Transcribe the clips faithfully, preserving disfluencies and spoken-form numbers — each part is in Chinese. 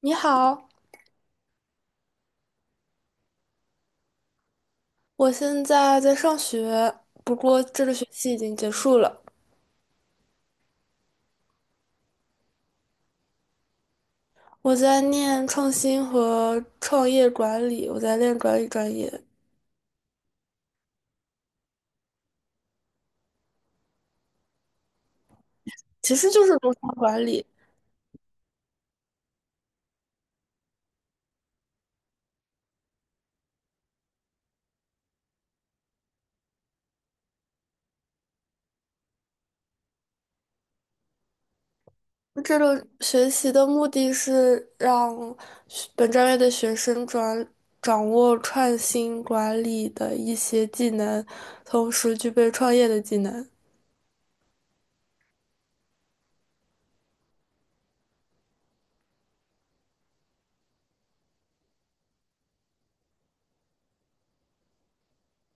你好，我现在在上学，不过这个学期已经结束了。我在念创新和创业管理，我在练管理专业，其实就是工商管理。这个学习的目的是让学本专业的学生转掌握创新管理的一些技能，同时具备创业的技能。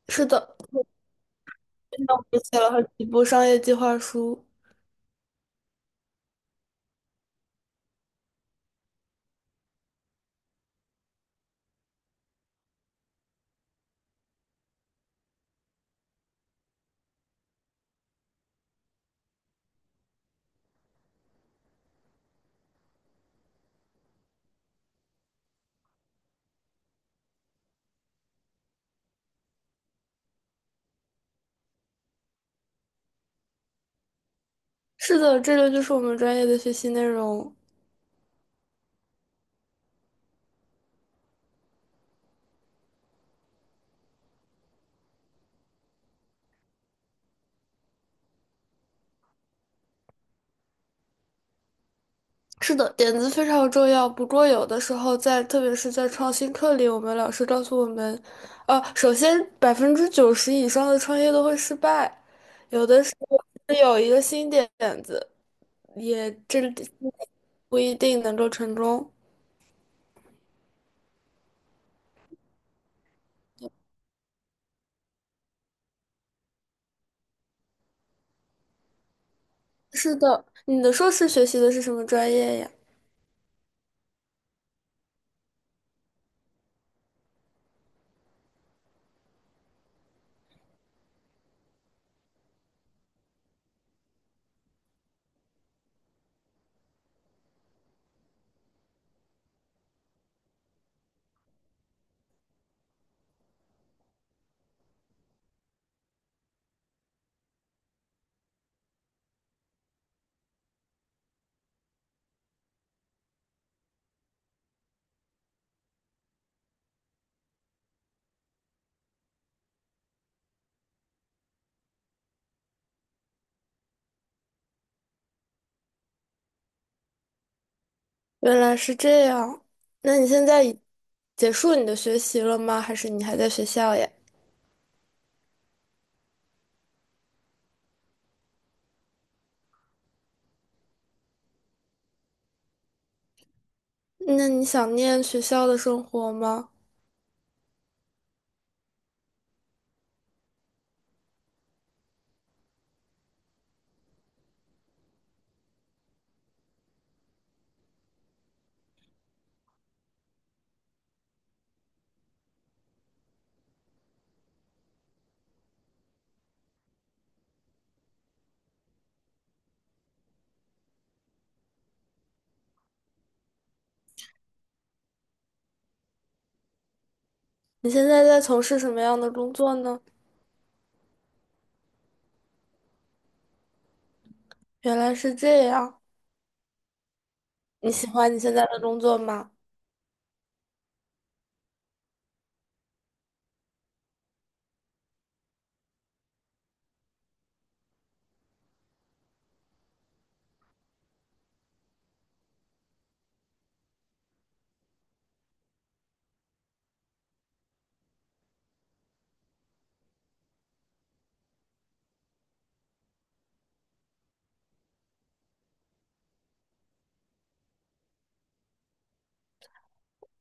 是的，我写了好几部商业计划书。是的，这个就是我们专业的学习内容。是的，点子非常重要。不过，有的时候在，特别是在创新课里，我们老师告诉我们，呃，首先百分之九十以上的创业都会失败，有的时候是有一个新点子，也这不一定能够成功。是的，你的硕士学习的是什么专业呀？原来是这样。那你现在已结束你的学习了吗？还是你还在学校呀？那你想念学校的生活吗？你现在在从事什么样的工作呢？原来是这样，你喜欢你现在的工作吗？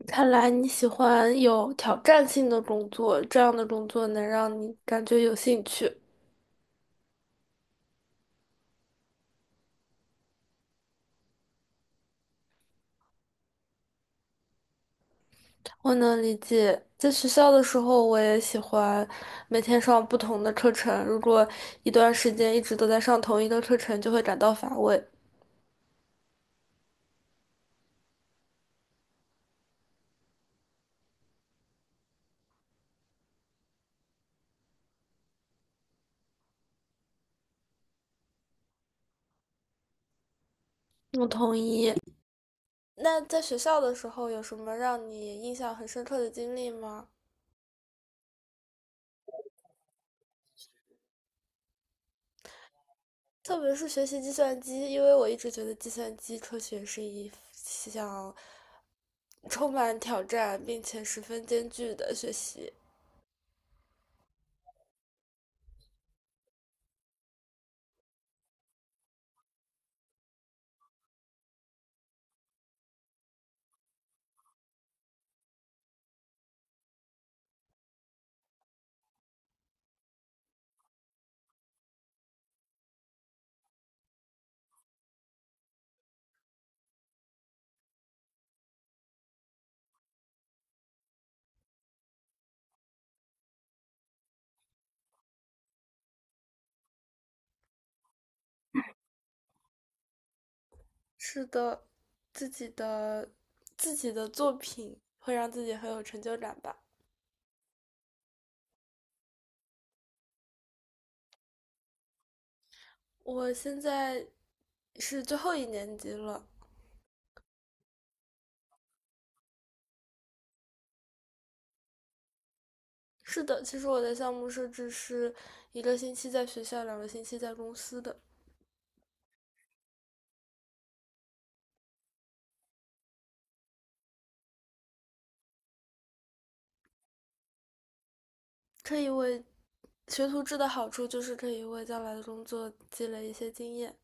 看来你喜欢有挑战性的工作，这样的工作能让你感觉有兴趣。我能理解，在学校的时候，我也喜欢每天上不同的课程。如果一段时间一直都在上同一个课程，就会感到乏味。我同意。那在学校的时候，有什么让你印象很深刻的经历吗？特别是学习计算机，因为我一直觉得计算机科学是一项充满挑战并且十分艰巨的学习。是的，自己的自己的作品会让自己很有成就感吧。我现在是最后一年级了。是的，其实我的项目设置是一个星期在学校，两个星期在公司的。可以为学徒制的好处就是可以为将来的工作积累一些经验。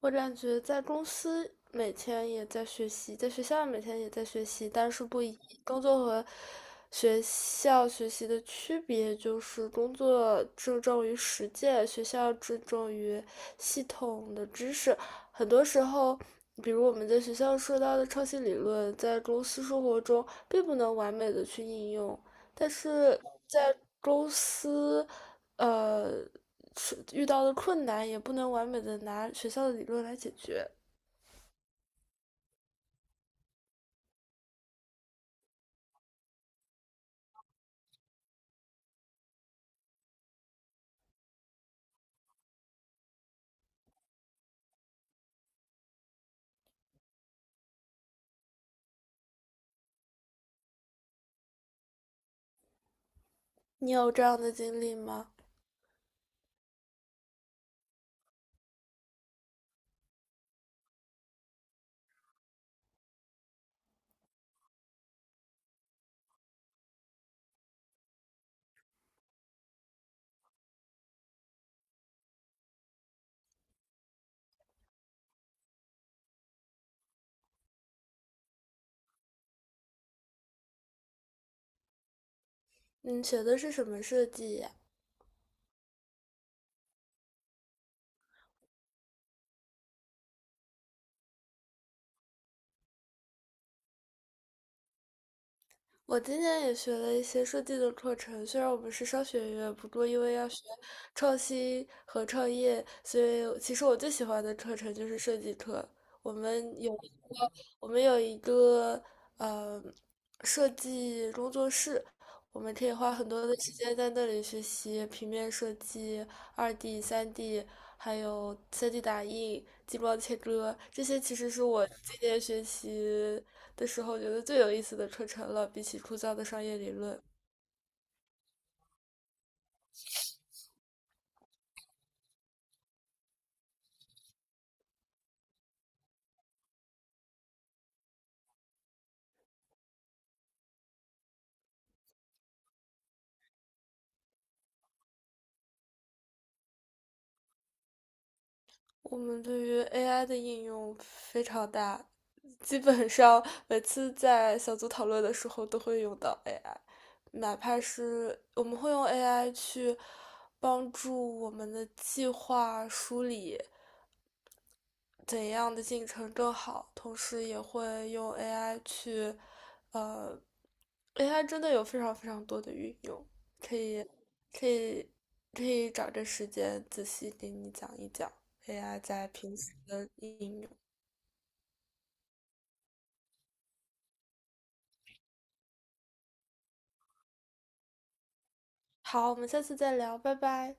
我感觉在公司每天也在学习，在学校每天也在学习，但是不一，工作和学校学习的区别就是工作注重于实践，学校注重于系统的知识。很多时候，比如我们在学校说到的创新理论，在公司生活中并不能完美的去应用。但是在公司，呃，是遇到的困难也不能完美的拿学校的理论来解决。你有这样的经历吗？你学的是什么设计呀？我今年也学了一些设计的课程，虽然我们是商学院，不过因为要学创新和创业，所以其实我最喜欢的课程就是设计课。我们有一个，我们有一个，呃，设计工作室，我们可以花很多的时间在那里学习平面设计、二 D、三 D，还有三 D 打印、激光切割，这些其实是我今年学习的时候觉得最有意思的课程了，比起枯燥的商业理论。我们对于 A I 的应用非常大，基本上每次在小组讨论的时候都会用到 A I，哪怕是我们会用 A I 去帮助我们的计划梳理。怎样的进程更好，同时也会用 A I 去，呃，A I 真的有非常非常多的运用，可以可以可以找个时间仔细给你讲一讲 A I 在平时的应用。好，我们下次再聊，拜拜。